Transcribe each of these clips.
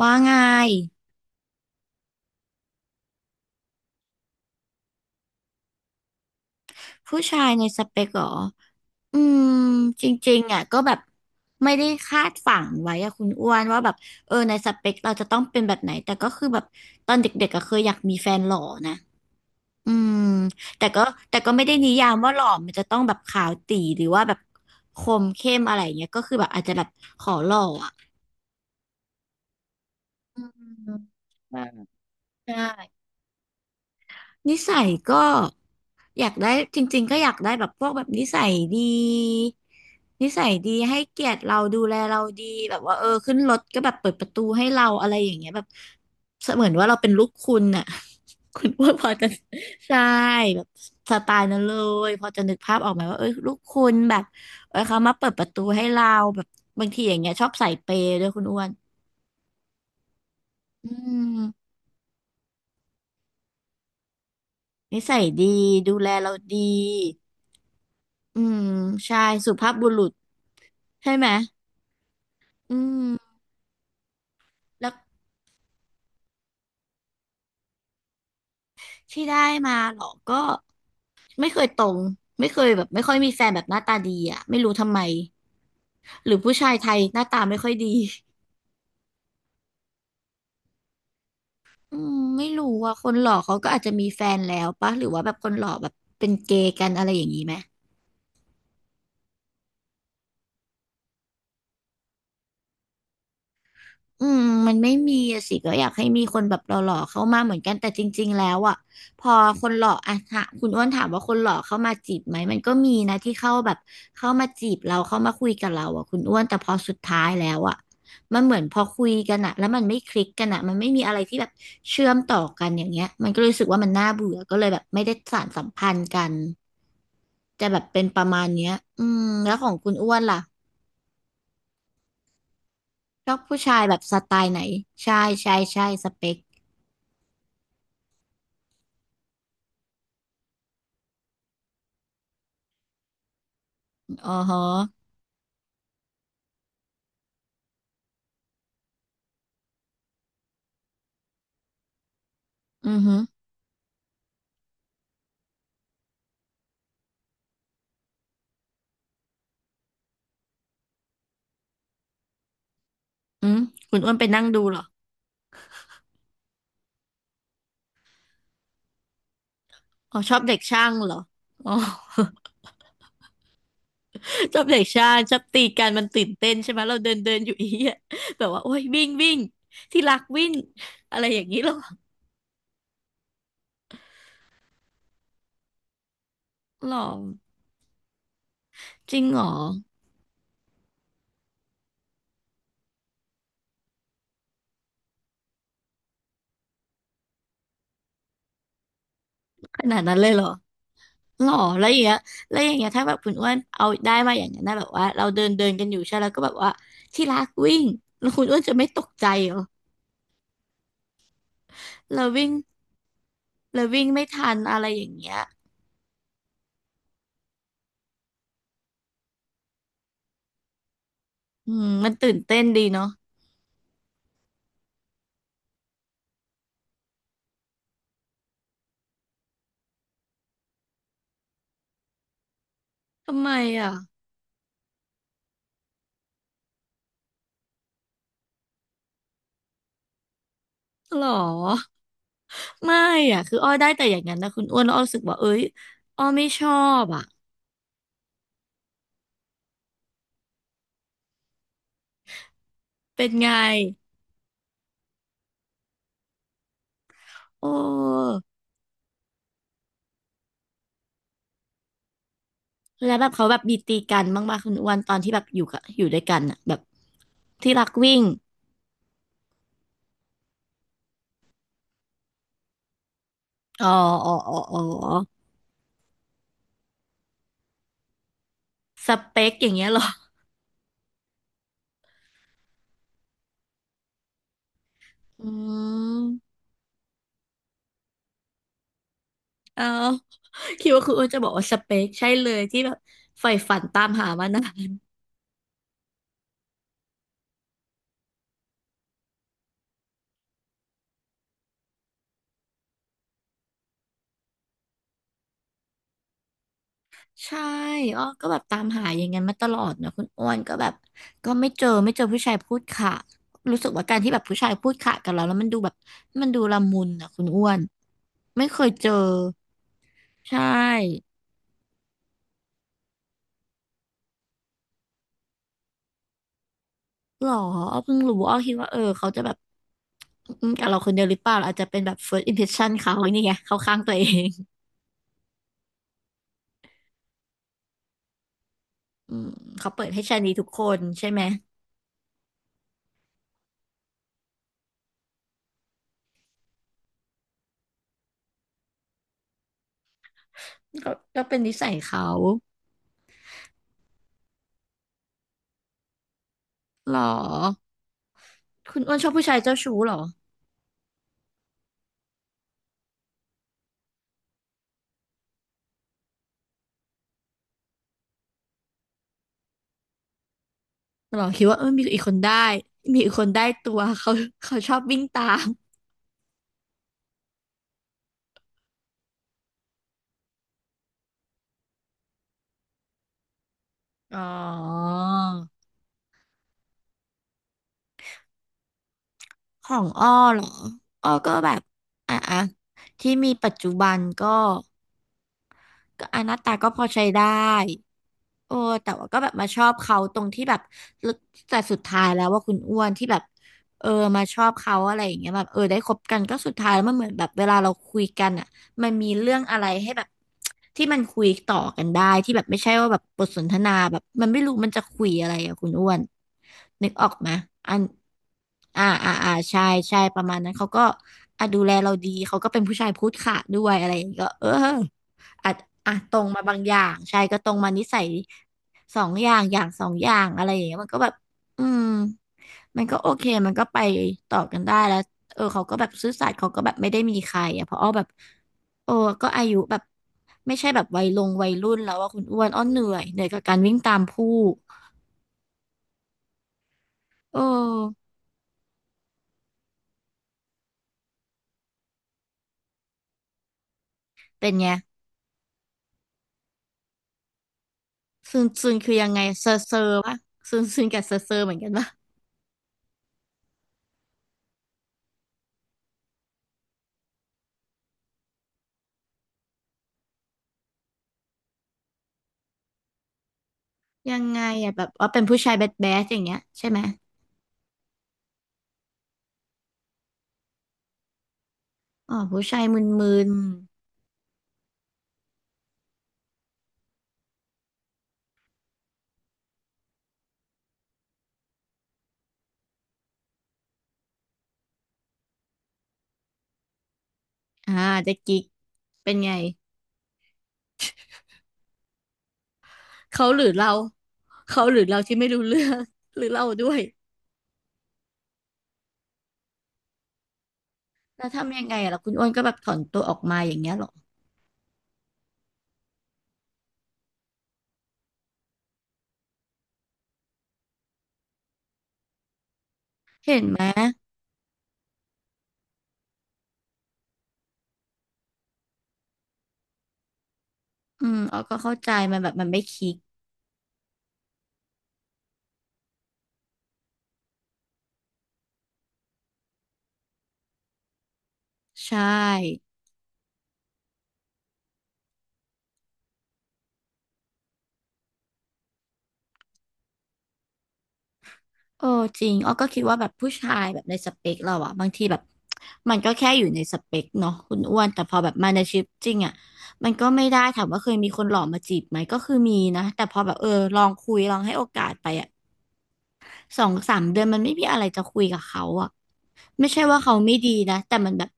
ว่าไงผู้ชายในสเปกเหรออืมจริงๆอ่ะก็แบบไม่ได้คาดฝังไว้อะคุณอ้วนว่าแบบในสเปคเราจะต้องเป็นแบบไหนแต่ก็คือแบบตอนเด็กๆก็เคยอยากมีแฟนหล่อนะอืมแต่ก็แต่ก็ไม่ได้นิยามว่าหล่อมันจะต้องแบบขาวตี๋หรือว่าแบบคมเข้มอะไรอย่างเงี้ยก็คือแบบอาจจะแบบขอหล่ออ่ะอืมใช่ นิสัยก็อยากได้จริงๆก็อยากได้แบบพวกแบบนิสัยดีนิสัยดีให้เกียรติเราดูแลเราดีแบบว่าขึ้นรถก็แบบเปิดประตูให้เราอะไรอย่างเงี้ยแบบเสมือนว่าเราเป็นลูกคุณน่ะ คุณอ้ว่าพอจะใช่แบบสไตล์นั้นเลยพอจะนึกภาพออกไหมว่าเอ้ยลูกคุณแบบเอ้ยเขามาเปิดประตูให้เราแบบบางทีอย่างเงี้ยชอบใส่เปย์ด้วยคุณอ้วนอืมนิสัยดีดูแลเราดีอืมใช่สุภาพบุรุษ ใช่ไหมอืมแล้วที่ได้มาเหรอก็ไม่เคยตรงไม่เคยแบบไม่ค่อยมีแฟนแบบหน้าตาดีอ่ะไม่รู้ทำไมหรือผู้ชายไทยหน้าตาไม่ค่อยดีอืมไม่รู้ว่าคนหล่อเขาก็อาจจะมีแฟนแล้วปะหรือว่าแบบคนหล่อแบบเป็นเกย์กันอะไรอย่างนี้ไหม อืมมันไม่มีอะสิก็อยากให้มีคนแบบหล่อๆเข้ามาเหมือนกันแต่จริงๆแล้วอ่ะพอคนหล่ออ่ะถ้าคุณอ้วนถามว่าคนหล่อเข้ามาจีบไหมมันก็มีนะที่เข้าแบบเข้ามาจีบเราเข้ามาคุยกับเราอ่ะคุณอ้วนแต่พอสุดท้ายแล้วอ่ะมันเหมือนพอคุยกันอ่ะแล้วมันไม่คลิกกันอ่ะมันไม่มีอะไรที่แบบเชื่อมต่อกันอย่างเงี้ยมันก็เลยรู้สึกว่ามันน่าเบื่อก็เลยแบบไม่ได้สานสัมพันธ์กันจะแบบเป็นประมาณเนี้ยอืมแล้วของคุณอ้วนล่ะชอบผู้ชายแบบสไตล์ไหนใช่ใช่ใช่สเปค อ๋อฮะอือฮึอืมคุณอ้วนไปนั่งดูเหรออ๋อชอบเด็กช่างเหรออ๋อ ชอบเด็กช่างชอบตีกันมันตื่นเต้นใช่ไหมเราเดินเดินอยู่อีอะ แบบว่าโอ้ยวิ่งวิ่งที่รักวิ่งอะไรอย่างนี้เหรอหรอจริงเหรอขนาดนั้นเลยเหรอหรอแล้วอย่างเงี้ยแล้วอย่างเงี้ยถ้าแบบคุณอ้วนเอาได้มาอย่างนั้นนะแบบว่าเราเดินเดินกันอยู่ใช่แล้วก็แบบว่าที่รักวิ่งแล้วคุณอ้วนจะไม่ตกใจเหรอเราวิ่งเราวิ่งไม่ทันอะไรอย่างเงี้ยอืมมันตื่นเต้นดีเนาะทำไมอ่ะ หรอไม่อ่ะคืออ้อได้แต่อย่างนั้นนะคุณอ้วนแล้วอ้อรู้สึกว่าเอ้ยอ้อไม่ชอบอ่ะเป็นไงโอ้แล้วแบบเขาแบบมีตีกันบ้างป่ะคุณอ้วนตอนที่แบบอยู่ด้วยกันอ่ะแบบที่รักวิ่งอ๋ออ๋อสเปคอย่างเงี้ยเหรออืมเอาคิดว่าคุณอ้วนจะบอกว่าสเปคใช่เลยที่แบบใฝ่ฝันตามหามานาน ใช่อ้อก็แบบตามหาอย่างนั้นมาตลอดนะคุณอ้วนก็แบบก็ไม่เจอผู้ชายพูดค่ะรู้สึกว่าการที่แบบผู้ชายพูดค่ะกับเราแล้วมันดูแบบมันดูละมุนนะคุณอ้วนไม่เคยเจอใช่หรออ้อเพิ่งรู้อ้อคิดว่าเขาจะแบบอืมกับเราคนเดียวหรือเปล่าเราอาจจะเป็นแบบ first impression เขานี่ไงเขาข้างตัวเองอืมเขาเปิดให้ชายนีทุกคนใช่ไหมก็ก็เป็นนิสัยเขาหรอคุณอ้วนชอบผู้ชายเจ้าชู้หรอ เราคิดว่ามีอีกคนได้มีอีกคนได้ตัวเขา เขาชอบวิ่งตามอ๋อของอ้อเหรออ้อก็แบบอ่ะที่มีปัจจุบันก็ก็อะหน้าตาก็พอใช้ได้ โอ้แต่ว่าก็แบบมาชอบเขาตรงที่แบบ แต่สุดท้ายแล้วว่าคุณอ้วนที่แบบเออมาชอบเขาอะไรอย่างเงี้ยแบบได้คบกันก็สุดท้ายแล้วมันเหมือนแบบเวลาเราคุยกันอ่ะมันมีเรื่องอะไรให้แบบที่มันคุยต่อกันได้ที่แบบไม่ใช่ว่าแบบบทสนทนาแบบมันไม่รู้มันจะคุยอะไรอะคุณอ้วนนึกออกไหมอันอ่าใช่ใช่ประมาณนั้นเขาก็อ่ะดูแลเราดีเขาก็เป็นผู้ชายพูดขาดด้วยอะไรอย่างเงี้ยก็อาจอ่ะตรงมาบางอย่างใช่ก็ตรงมานิสัยสองอย่าง อย่างสองอย่างอะไรอย่างเงี้ยมันก็แบบอืมมันก็โอเค มันก็ไปต่อกันได้แล้วเออเขาก็แบบซื่อสัตย์เขาก็แบบไม่ได้มีใครอ่ะเพราะอ้อแบบโอ้ก็อายุแบบไม่ใช่แบบวัยลงวัยรุ่นแล้วว่าคุณอ้วนอ้อเหนื่อยกับการวิ่งตามผู้โอ้เป็นไงซึนซึนคือยังไงเซอร์เซอร์ปะซึนซึนกับเซอร์เซอร์เหมือนกันปะยังไงอ่ะแบบว่าเป็นผู้ชายแบดแบดอย่างเงี้ยใช่ไหมอ๋อผู้ชายมึนๆ อ่าเจ๊กิ๊กเป็นไงเขาหรือเราเขาหรือเราที่ไม่รู้เรื่อง หรือเราด้วยแล้วทำยังไงอะแล้วคุณอ้วนก็แบบถอนตัวออกมาอย่างเงี้ยเหรอเห็นไหมอืมอ้อก็เข้าใจมันแบบมันไม่คลิกใช่โอ้จริงอ้อก็คิดว่าแบบผู้ชายแบบในสเปคเราอะบางทีแบบมันก็แค่อยู่ในสเปคเนาะคุณอ้วนแต่พอแบบมาในชีวิตจริงอะมันก็ไม่ได้ถามว่าเคยมีคนหล่อมาจีบไหมก็คือมีนะแต่พอแบบเออลองคุยลองให้โอกาสไปอะ สองสามเดือนมันไม่มีอะไรจะคุยกับเขาอะไม่ใช่ว่าเขาไม่ดีนะแต่มันแบบ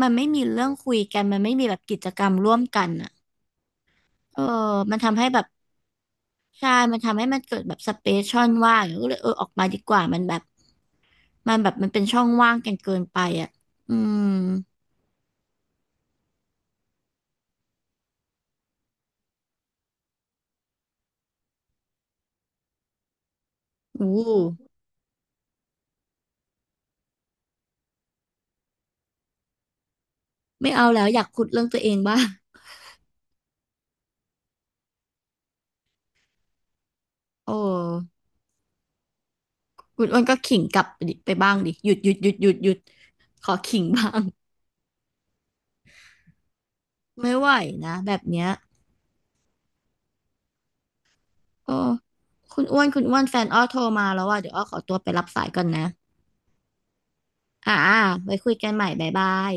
มันไม่มีเรื่องคุยกันมันไม่มีแบบกิจกรรมร่วมกันอะเออมันทำให้แบบใช่มันทำให้มันเกิดแบบสเปซช่องว่างอย่างเงี้ยก็เลยเออออกมาดีกว่ามันแบบมันเป็นช่องว่างกันเกินไปอะอืมอู้ไม่เอาแล้วอยากขุดเรื่องตัวเองบ้างโอ้คุณอ้วนก็ขิงกลับไปดิไปบ้างดิหยุดหยุดหยุดหยุดหยุดขอขิงบ้างไม่ไหวนะแบบเนี้ย เออคุณอ้วนแฟนอ้อโทรมาแล้วอ่ะเดี๋ยวอ้อขอตัวไปรับสายก่อนนะอ่าไว้คุยกันใหม่บ๊ายบาย